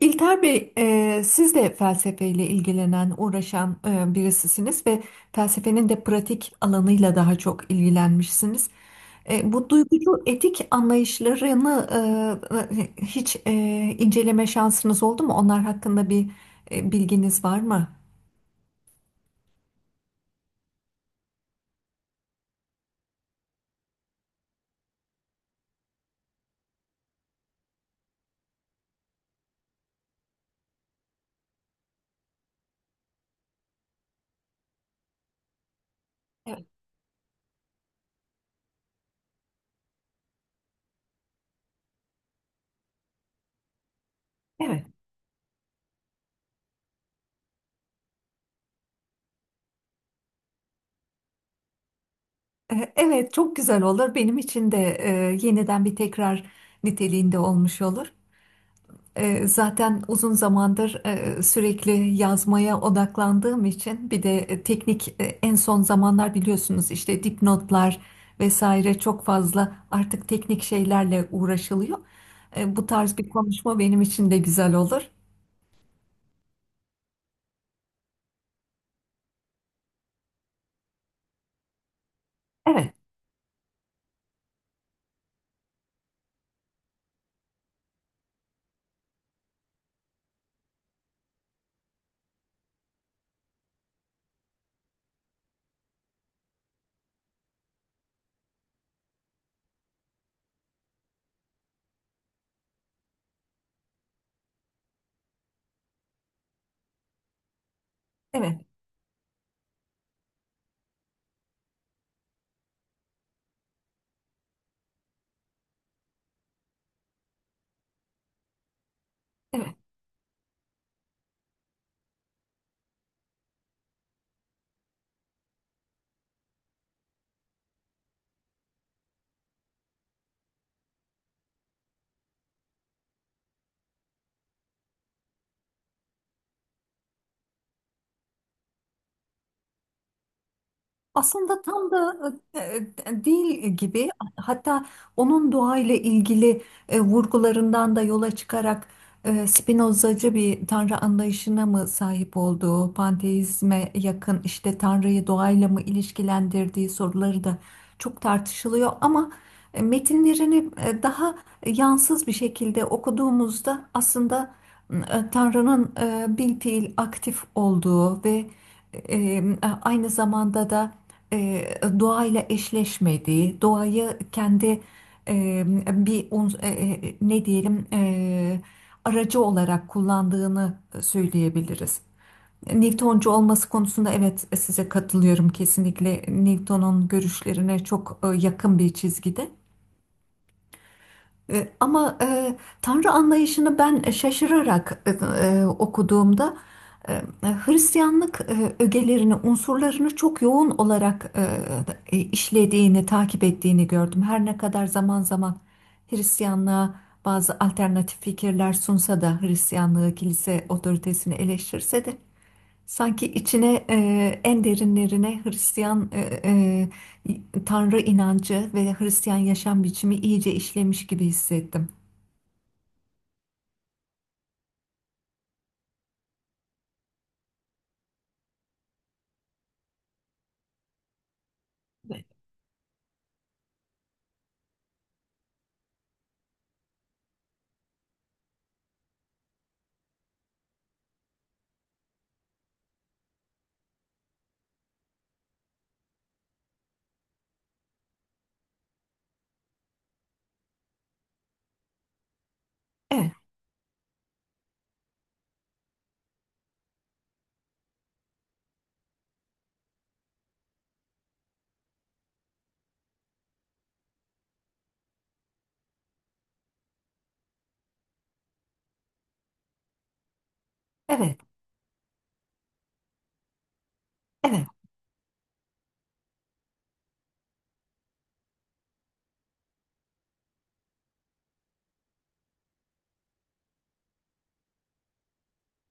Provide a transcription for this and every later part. İlter Bey, siz de felsefeyle ilgilenen, uğraşan birisisiniz ve felsefenin de pratik alanıyla daha çok ilgilenmişsiniz. Bu duygucu etik anlayışlarını e, e, hiç e, inceleme şansınız oldu mu? Onlar hakkında bir bilginiz var mı? Evet. Evet. Evet, çok güzel olur. Benim için de yeniden bir tekrar niteliğinde olmuş olur. Zaten uzun zamandır sürekli yazmaya odaklandığım için bir de teknik en son zamanlar biliyorsunuz işte dipnotlar vesaire çok fazla artık teknik şeylerle uğraşılıyor. Bu tarz bir konuşma benim için de güzel olur. Evet, evet, evet. Aslında tam da e, değil gibi, hatta onun doğayla ilgili vurgularından da yola çıkarak Spinozacı bir tanrı anlayışına mı sahip olduğu, panteizme yakın işte tanrıyı doğayla mı ilişkilendirdiği soruları da çok tartışılıyor ama metinlerini daha yansız bir şekilde okuduğumuzda aslında Tanrı'nın bilfiil aktif olduğu ve e, aynı zamanda da e, doğayla eşleşmediği, doğayı kendi e, bir uns- e, e, ne diyelim, aracı olarak kullandığını söyleyebiliriz. Newtoncu olması konusunda evet size katılıyorum, kesinlikle Newton'un görüşlerine çok yakın bir çizgide. Ama Tanrı anlayışını ben şaşırarak okuduğumda e, e, Hristiyanlık ögelerini, unsurlarını çok yoğun olarak işlediğini, takip ettiğini gördüm. Her ne kadar zaman zaman Hristiyanlığa bazı alternatif fikirler sunsa da, Hristiyanlığı, kilise otoritesini eleştirse de sanki içine, en derinlerine Hristiyan Tanrı inancı ve Hristiyan yaşam biçimi iyice işlemiş gibi hissettim. Evet, evet, evet,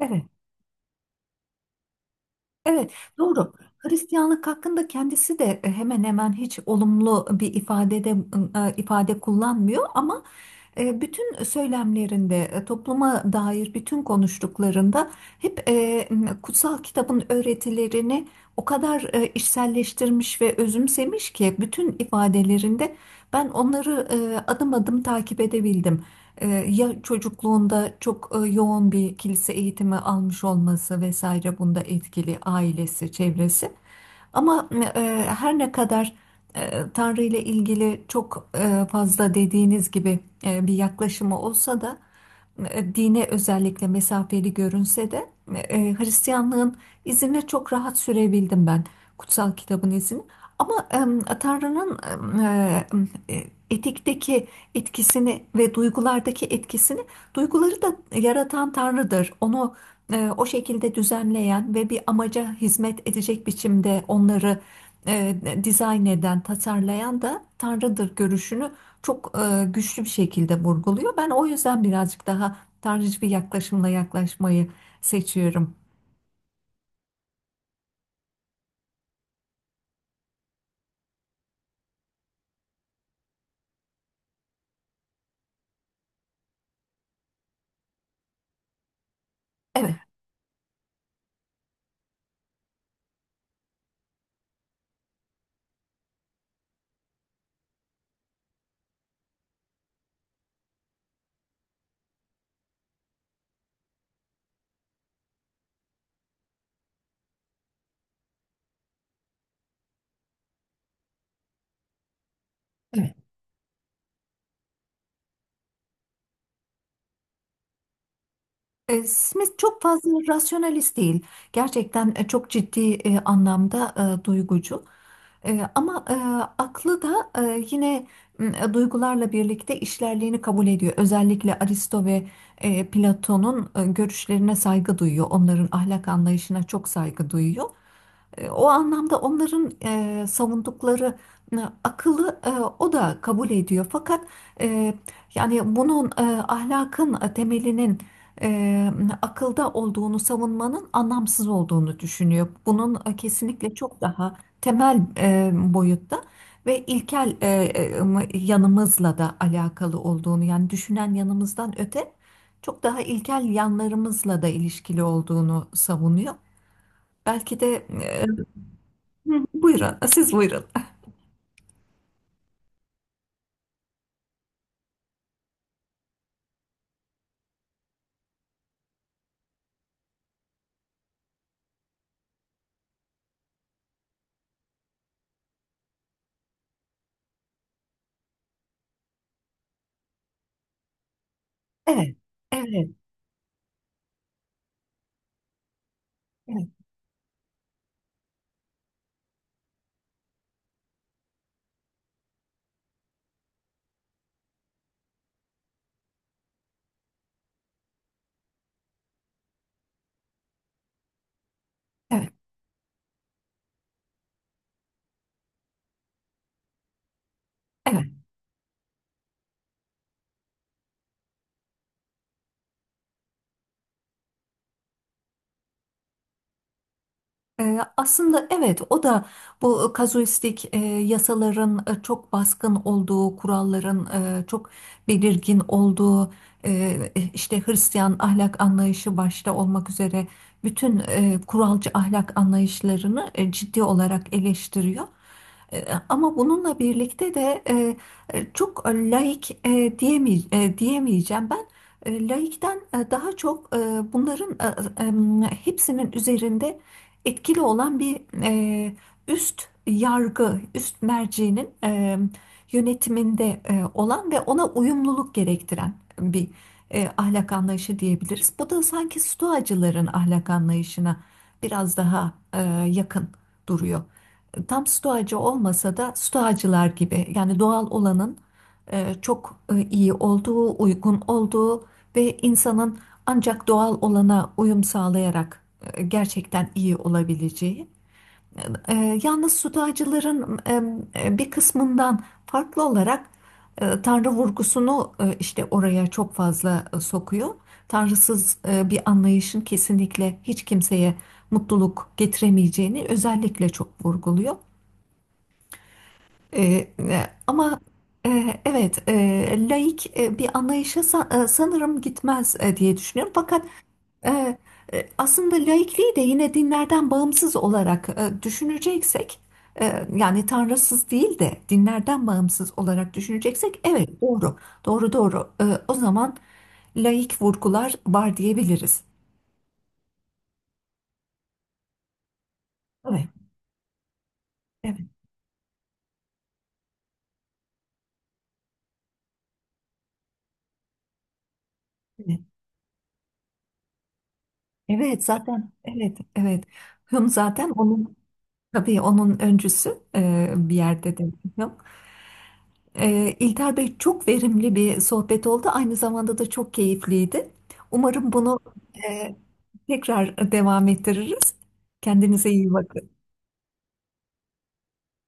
evet. Evet, doğru. Hristiyanlık hakkında kendisi de hemen hemen hiç olumlu bir ifadede ifade kullanmıyor ama bütün söylemlerinde, topluma dair bütün konuştuklarında hep kutsal kitabın öğretilerini o kadar içselleştirmiş ve özümsemiş ki, bütün ifadelerinde ben onları adım adım takip edebildim. Ya çocukluğunda çok yoğun bir kilise eğitimi almış olması vesaire bunda etkili, ailesi, çevresi. Ama her ne kadar Tanrı ile ilgili çok fazla, dediğiniz gibi, bir yaklaşımı olsa da, dine özellikle mesafeli görünse de, Hristiyanlığın izine çok rahat sürebildim ben. Kutsal kitabın izini. Ama Tanrı'nın e, e, etikteki etkisini ve duygulardaki etkisini, duyguları da yaratan Tanrı'dır. Onu o şekilde düzenleyen ve bir amaca hizmet edecek biçimde onları e, dizayn eden, tasarlayan da Tanrı'dır görüşünü çok güçlü bir şekilde vurguluyor. Ben o yüzden birazcık daha tanrıcı bir yaklaşımla yaklaşmayı seçiyorum. Evet. Evet. Smith çok fazla rasyonalist değil. Gerçekten çok ciddi anlamda duygucu. Ama aklı da yine duygularla birlikte işlerliğini kabul ediyor. Özellikle Aristo ve Platon'un görüşlerine saygı duyuyor. Onların ahlak anlayışına çok saygı duyuyor. O anlamda onların savundukları e, akılı o da kabul ediyor. Fakat e, yani bunun ahlakın temelinin e, akılda olduğunu savunmanın anlamsız olduğunu düşünüyor. Bunun kesinlikle çok daha temel boyutta ve ilkel yanımızla da alakalı olduğunu, yani düşünen yanımızdan öte çok daha ilkel yanlarımızla da ilişkili olduğunu savunuyor. Belki de... Hı, buyurun, siz buyurun. Evet, evet, evet, evet, evet. Aslında evet, o da bu kazuistik yasaların çok baskın olduğu, kuralların çok belirgin olduğu, e, işte Hristiyan ahlak anlayışı başta olmak üzere bütün kuralcı ahlak anlayışlarını ciddi olarak eleştiriyor. Ama bununla birlikte de çok laik diyemeyeceğim ben. Laikten daha çok bunların hepsinin üzerinde etkili olan bir üst yargı, üst mercinin yönetiminde olan ve ona uyumluluk gerektiren bir ahlak anlayışı diyebiliriz. Bu da sanki stoacıların ahlak anlayışına biraz daha yakın duruyor. Tam stoacı olmasa da stoacılar gibi, yani doğal olanın çok iyi olduğu, uygun olduğu ve insanın ancak doğal olana uyum sağlayarak gerçekten iyi olabileceği. E, Yalnız sudacıların bir kısmından farklı olarak Tanrı vurgusunu işte oraya çok fazla sokuyor. Tanrısız bir anlayışın kesinlikle hiç kimseye mutluluk getiremeyeceğini özellikle çok vurguluyor. E, e, Ama evet, laik bir anlayışa sanırım gitmez diye düşünüyorum. Fakat e, aslında laikliği de yine dinlerden bağımsız olarak düşüneceksek, yani tanrısız değil de dinlerden bağımsız olarak düşüneceksek, evet doğru, doğru, doğru. O zaman laik vurgular var diyebiliriz. Evet, evet, evet. Evet, zaten evet, evet. Hume zaten onun... Tabii onun öncüsü bir yerde de. Yok. İlter Bey, çok verimli bir sohbet oldu. Aynı zamanda da çok keyifliydi. Umarım bunu e, tekrar devam ettiririz. Kendinize iyi bakın.